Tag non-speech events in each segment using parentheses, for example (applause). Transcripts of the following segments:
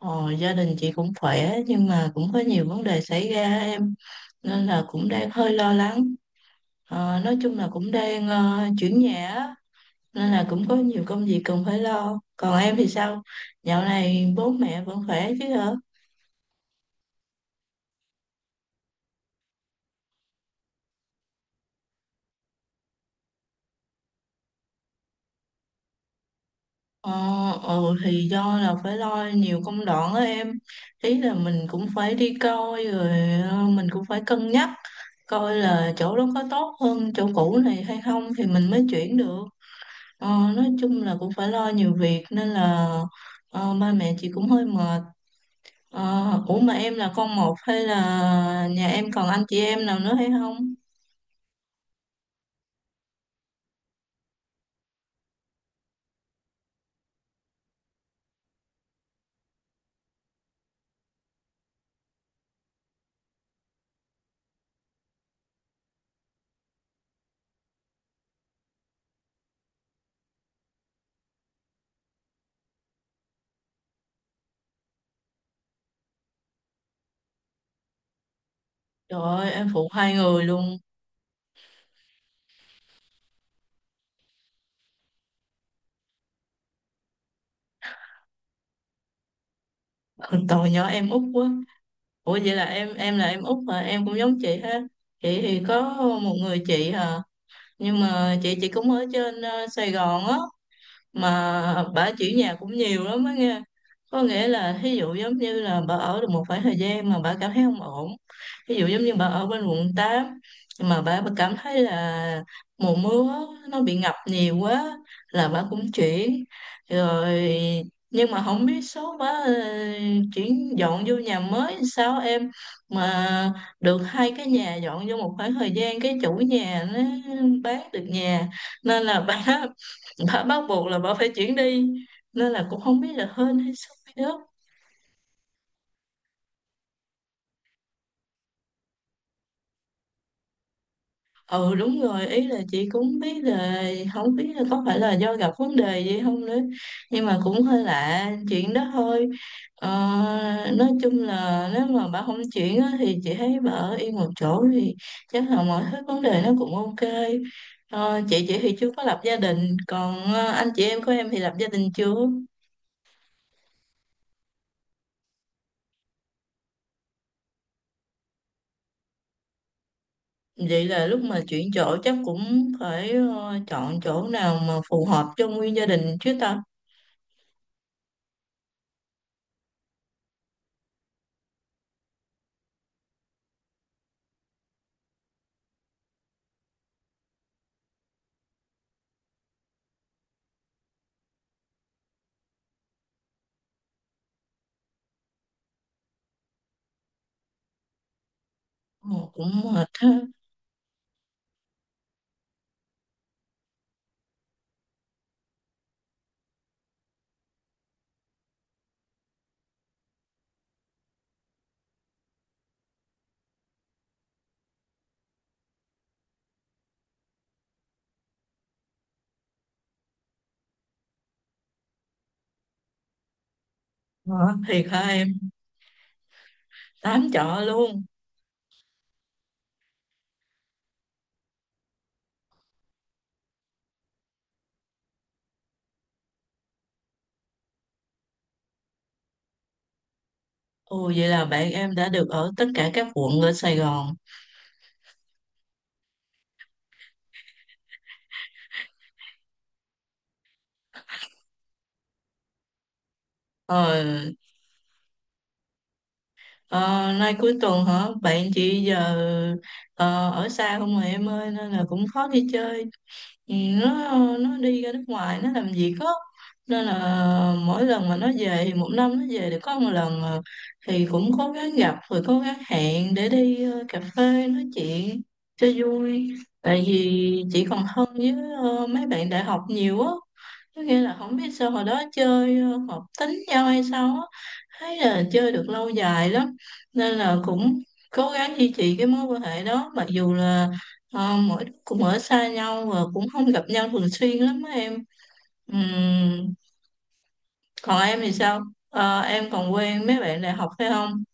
Ờ, Gia đình chị cũng khỏe nhưng mà cũng có nhiều vấn đề xảy ra em, nên là cũng đang hơi lo lắng. Nói chung là cũng đang chuyển nhà á, nên là cũng có nhiều công việc cần phải lo. Còn em thì sao, dạo này bố mẹ vẫn khỏe chứ hả? ờ, thì do là phải lo nhiều công đoạn á em, ý là mình cũng phải đi coi rồi, mình cũng phải cân nhắc coi là chỗ đó có tốt hơn chỗ cũ này hay không thì mình mới chuyển được. Ờ, nói chung là cũng phải lo nhiều việc nên là ba mẹ chị cũng hơi mệt. Ờ, ủa mà em là con một hay là nhà em còn anh chị em nào nữa hay không? Trời ơi, em phụ hai người luôn. (laughs) Tội nhỏ em út quá. Ủa vậy là em là em út mà em cũng giống chị ha. Chị thì có một người chị hả? Nhưng mà chị cũng ở trên Sài Gòn á, mà bà chuyển nhà cũng nhiều lắm á nghe. Có nghĩa là thí dụ giống như là bà ở được một khoảng thời gian mà bà cảm thấy không ổn, ví dụ giống như bà ở bên quận 8 mà bà cảm thấy là mùa mưa nó bị ngập nhiều quá là bà cũng chuyển rồi. Nhưng mà không biết số bà chuyển dọn vô nhà mới sao em, mà được hai cái nhà dọn vô một khoảng thời gian cái chủ nhà nó bán được nhà, nên là bà (laughs) bà bắt buộc là bà phải chuyển đi, nên là cũng không biết là hên hay xui nữa. Ừ đúng rồi, ý là chị cũng biết là không biết là có phải là do gặp vấn đề gì không nữa, nhưng mà cũng hơi lạ chuyện đó thôi. ờ, nói chung là nếu mà bà không chuyển á, thì chị thấy bà ở yên một chỗ thì chắc là mọi thứ vấn đề nó cũng ok. Chị thì chưa có lập gia đình, còn anh chị em của em thì lập gia đình chưa? Vậy là lúc mà chuyển chỗ chắc cũng phải chọn chỗ nào mà phù hợp cho nguyên gia đình chứ ta. Ờ, cũng mệt ha. Hả? Thiệt hả em? Tám chợ luôn. Ồ vậy là bạn em đã được ở tất cả các quận ở Sài Gòn. Ờ, ờ, nay cuối tuần hả? Bạn chị giờ ở xa không mà em ơi, nên là cũng khó đi chơi. Ừ, nó nó đi ra nước ngoài nó làm việc á, nên là mỗi lần mà nó về một năm nó về được có một lần à, thì cũng cố gắng gặp rồi cố gắng hẹn để đi cà phê nói chuyện cho vui, tại vì chị còn thân với mấy bạn đại học nhiều á. Có nghĩa là không biết sao hồi đó chơi hợp tính nhau hay sao á, thấy là chơi được lâu dài lắm, nên là cũng cố gắng duy trì cái mối quan hệ đó mặc dù là mỗi đứa cũng ở xa nhau và cũng không gặp nhau thường xuyên lắm á em. Ừm, còn em thì sao? Ờ, em còn quen mấy bạn đại học phải không?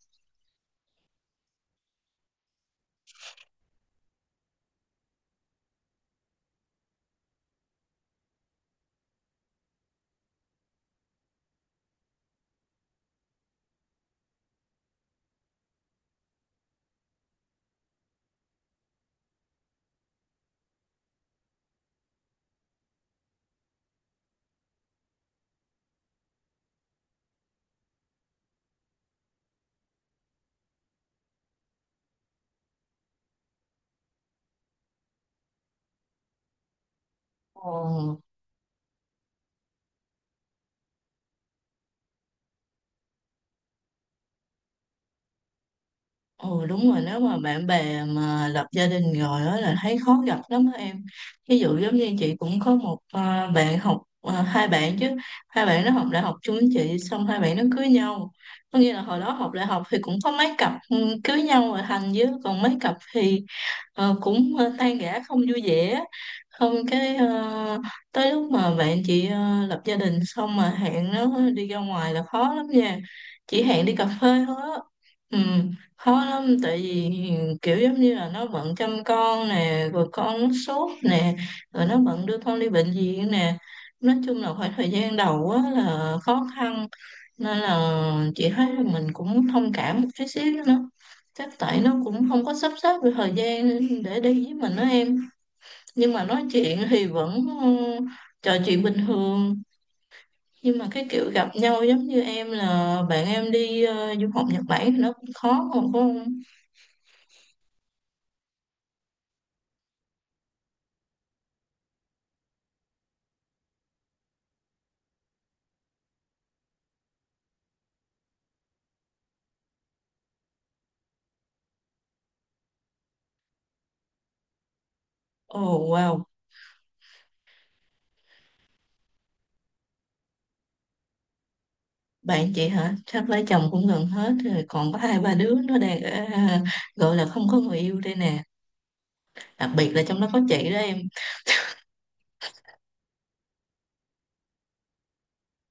Ồ. Ừ đúng rồi, nếu mà bạn bè mà lập gia đình rồi đó là thấy khó gặp lắm á em. Ví dụ giống như chị cũng có một à, bạn học à, hai bạn chứ, hai bạn nó học đại học chung với chị xong hai bạn nó cưới nhau. Có nghĩa là hồi đó học đại học thì cũng có mấy cặp ừ, cưới nhau rồi thành, chứ còn mấy cặp thì cũng tan rã không vui vẻ. Không cái tới lúc mà bạn chị lập gia đình xong mà hẹn nó đi ra ngoài là khó lắm nha, chỉ hẹn đi cà phê thôi á. Ừ, khó lắm tại vì kiểu giống như là nó bận chăm con nè, rồi con sốt nè, rồi nó bận đưa con đi bệnh viện nè. Nói chung là khoảng thời gian đầu á là khó khăn, nên là chị thấy là mình cũng thông cảm một chút xíu nữa, chắc tại nó cũng không có sắp xếp được thời gian để đi với mình đó em. Nhưng mà nói chuyện thì vẫn ừ, trò chuyện bình thường, nhưng mà cái kiểu gặp nhau giống như em là bạn em đi du học Nhật Bản thì nó cũng khó mà phải không? Ồ wow. Bạn chị hả? Chắc lấy chồng cũng gần hết rồi, còn có hai ba đứa nó đang ở, à, gọi là không có người yêu đây nè. Đặc biệt là trong đó có chị đó em.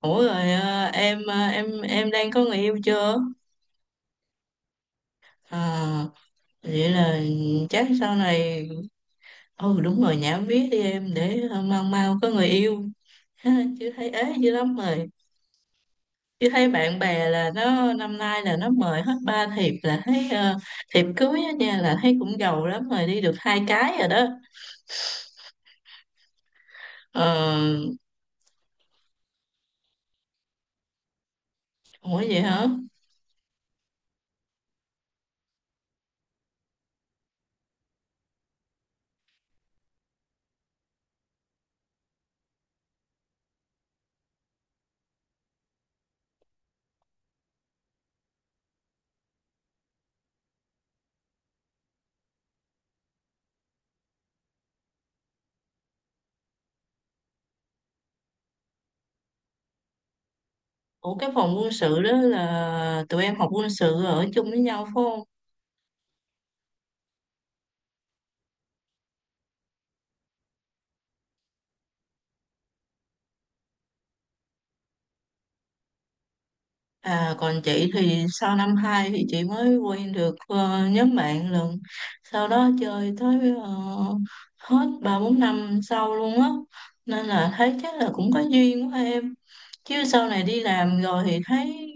Ủa rồi à, em à, em đang có người yêu chưa? À, vậy là chắc sau này ừ đúng rồi, nhảm viết đi em để à, mau mau có người yêu. (laughs) Ha, chứ thấy ế dữ lắm rồi. Chứ thấy bạn bè là nó năm nay là nó mời hết ba thiệp, là thấy à, thiệp cưới á nha, là thấy cũng giàu lắm rồi, đi được hai cái rồi đó. Ờ, ủa vậy hả? Ủa cái phòng quân sự đó là tụi em học quân sự ở chung với nhau phải không? À còn chị thì sau năm 2 thì chị mới quen được nhóm bạn lần. Sau đó chơi tới hết ba bốn năm sau luôn á. Nên là thấy chắc là cũng có duyên quá em. Chứ sau này đi làm rồi thì thấy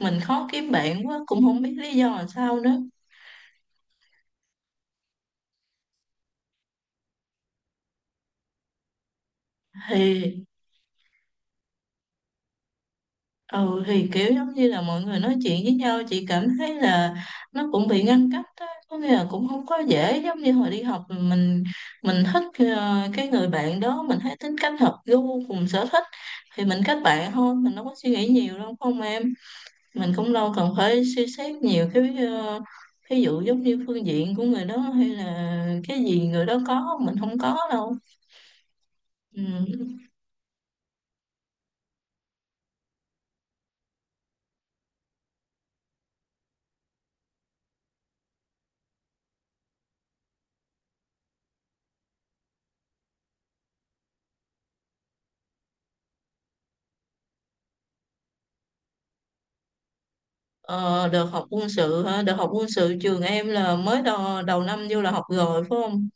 mình khó kiếm bạn quá, cũng không biết lý do là sao nữa. Thì ừ thì kiểu giống như là mọi người nói chuyện với nhau chị cảm thấy là nó cũng bị ngăn cách đó. Có nghĩa là cũng không có dễ giống như hồi đi học, mình thích cái người bạn đó mình thấy tính cách hợp gu cùng sở thích thì mình kết bạn thôi, mình đâu có suy nghĩ nhiều đâu không em. Mình cũng đâu cần phải suy xét nhiều cái ví dụ giống như phương diện của người đó hay là cái gì người đó có mình không có đâu ừ. Ờ, được học quân sự hả? Được học quân sự trường em là mới đầu, đầu năm vô là học rồi phải không?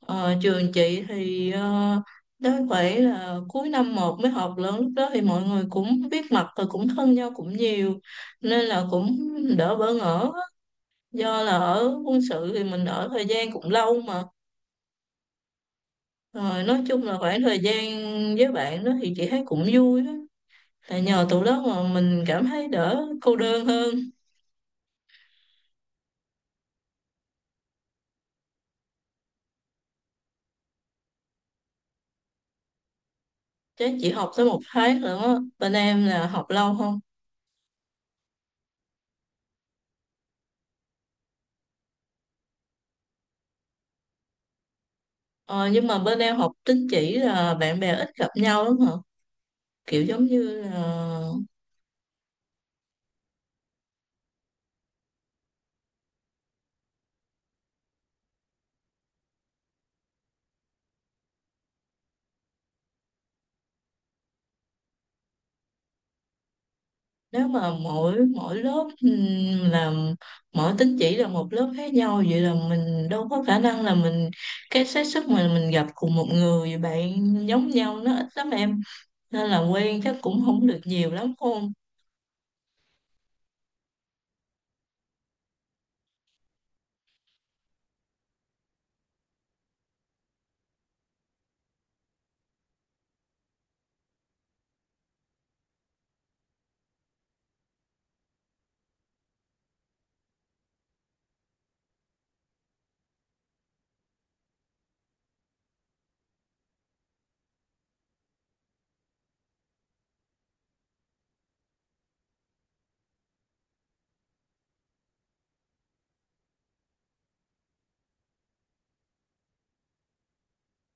Ờ, trường chị thì đến phải là cuối năm một mới học lớn, lúc đó thì mọi người cũng biết mặt và cũng thân nhau cũng nhiều, nên là cũng đỡ bỡ ngỡ, do là ở quân sự thì mình ở thời gian cũng lâu mà. Rồi nói chung là khoảng thời gian với bạn đó thì chị thấy cũng vui đó, là nhờ tụi đó mà mình cảm thấy đỡ cô đơn hơn. Chứ chị học tới một tháng nữa á. Bên em là học lâu không? Ờ, nhưng mà bên em học tín chỉ là bạn bè ít gặp nhau lắm hả? Kiểu giống như là nếu mà mỗi mỗi lớp làm mỗi tín chỉ là một lớp khác nhau, vậy là mình đâu có khả năng là mình, cái xác suất mà mình gặp cùng một người bạn giống nhau nó ít lắm em, nên là quen chắc cũng không được nhiều lắm phải không?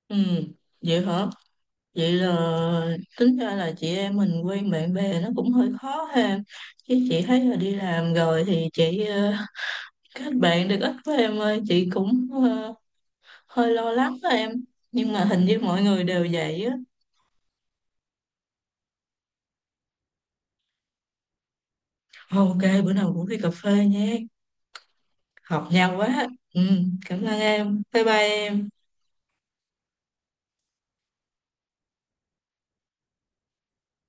Ừ vậy hả. Vậy là tính ra là chị em mình quen bạn bè nó cũng hơi khó ha. Chứ chị thấy là đi làm rồi thì chị kết bạn được ít với em ơi. Chị cũng hơi lo lắng đó em. Nhưng mà hình như mọi người đều vậy á. Ok, bữa nào cũng đi cà phê nha. Hợp nhau quá. Ừ, cảm ơn em. Bye bye em.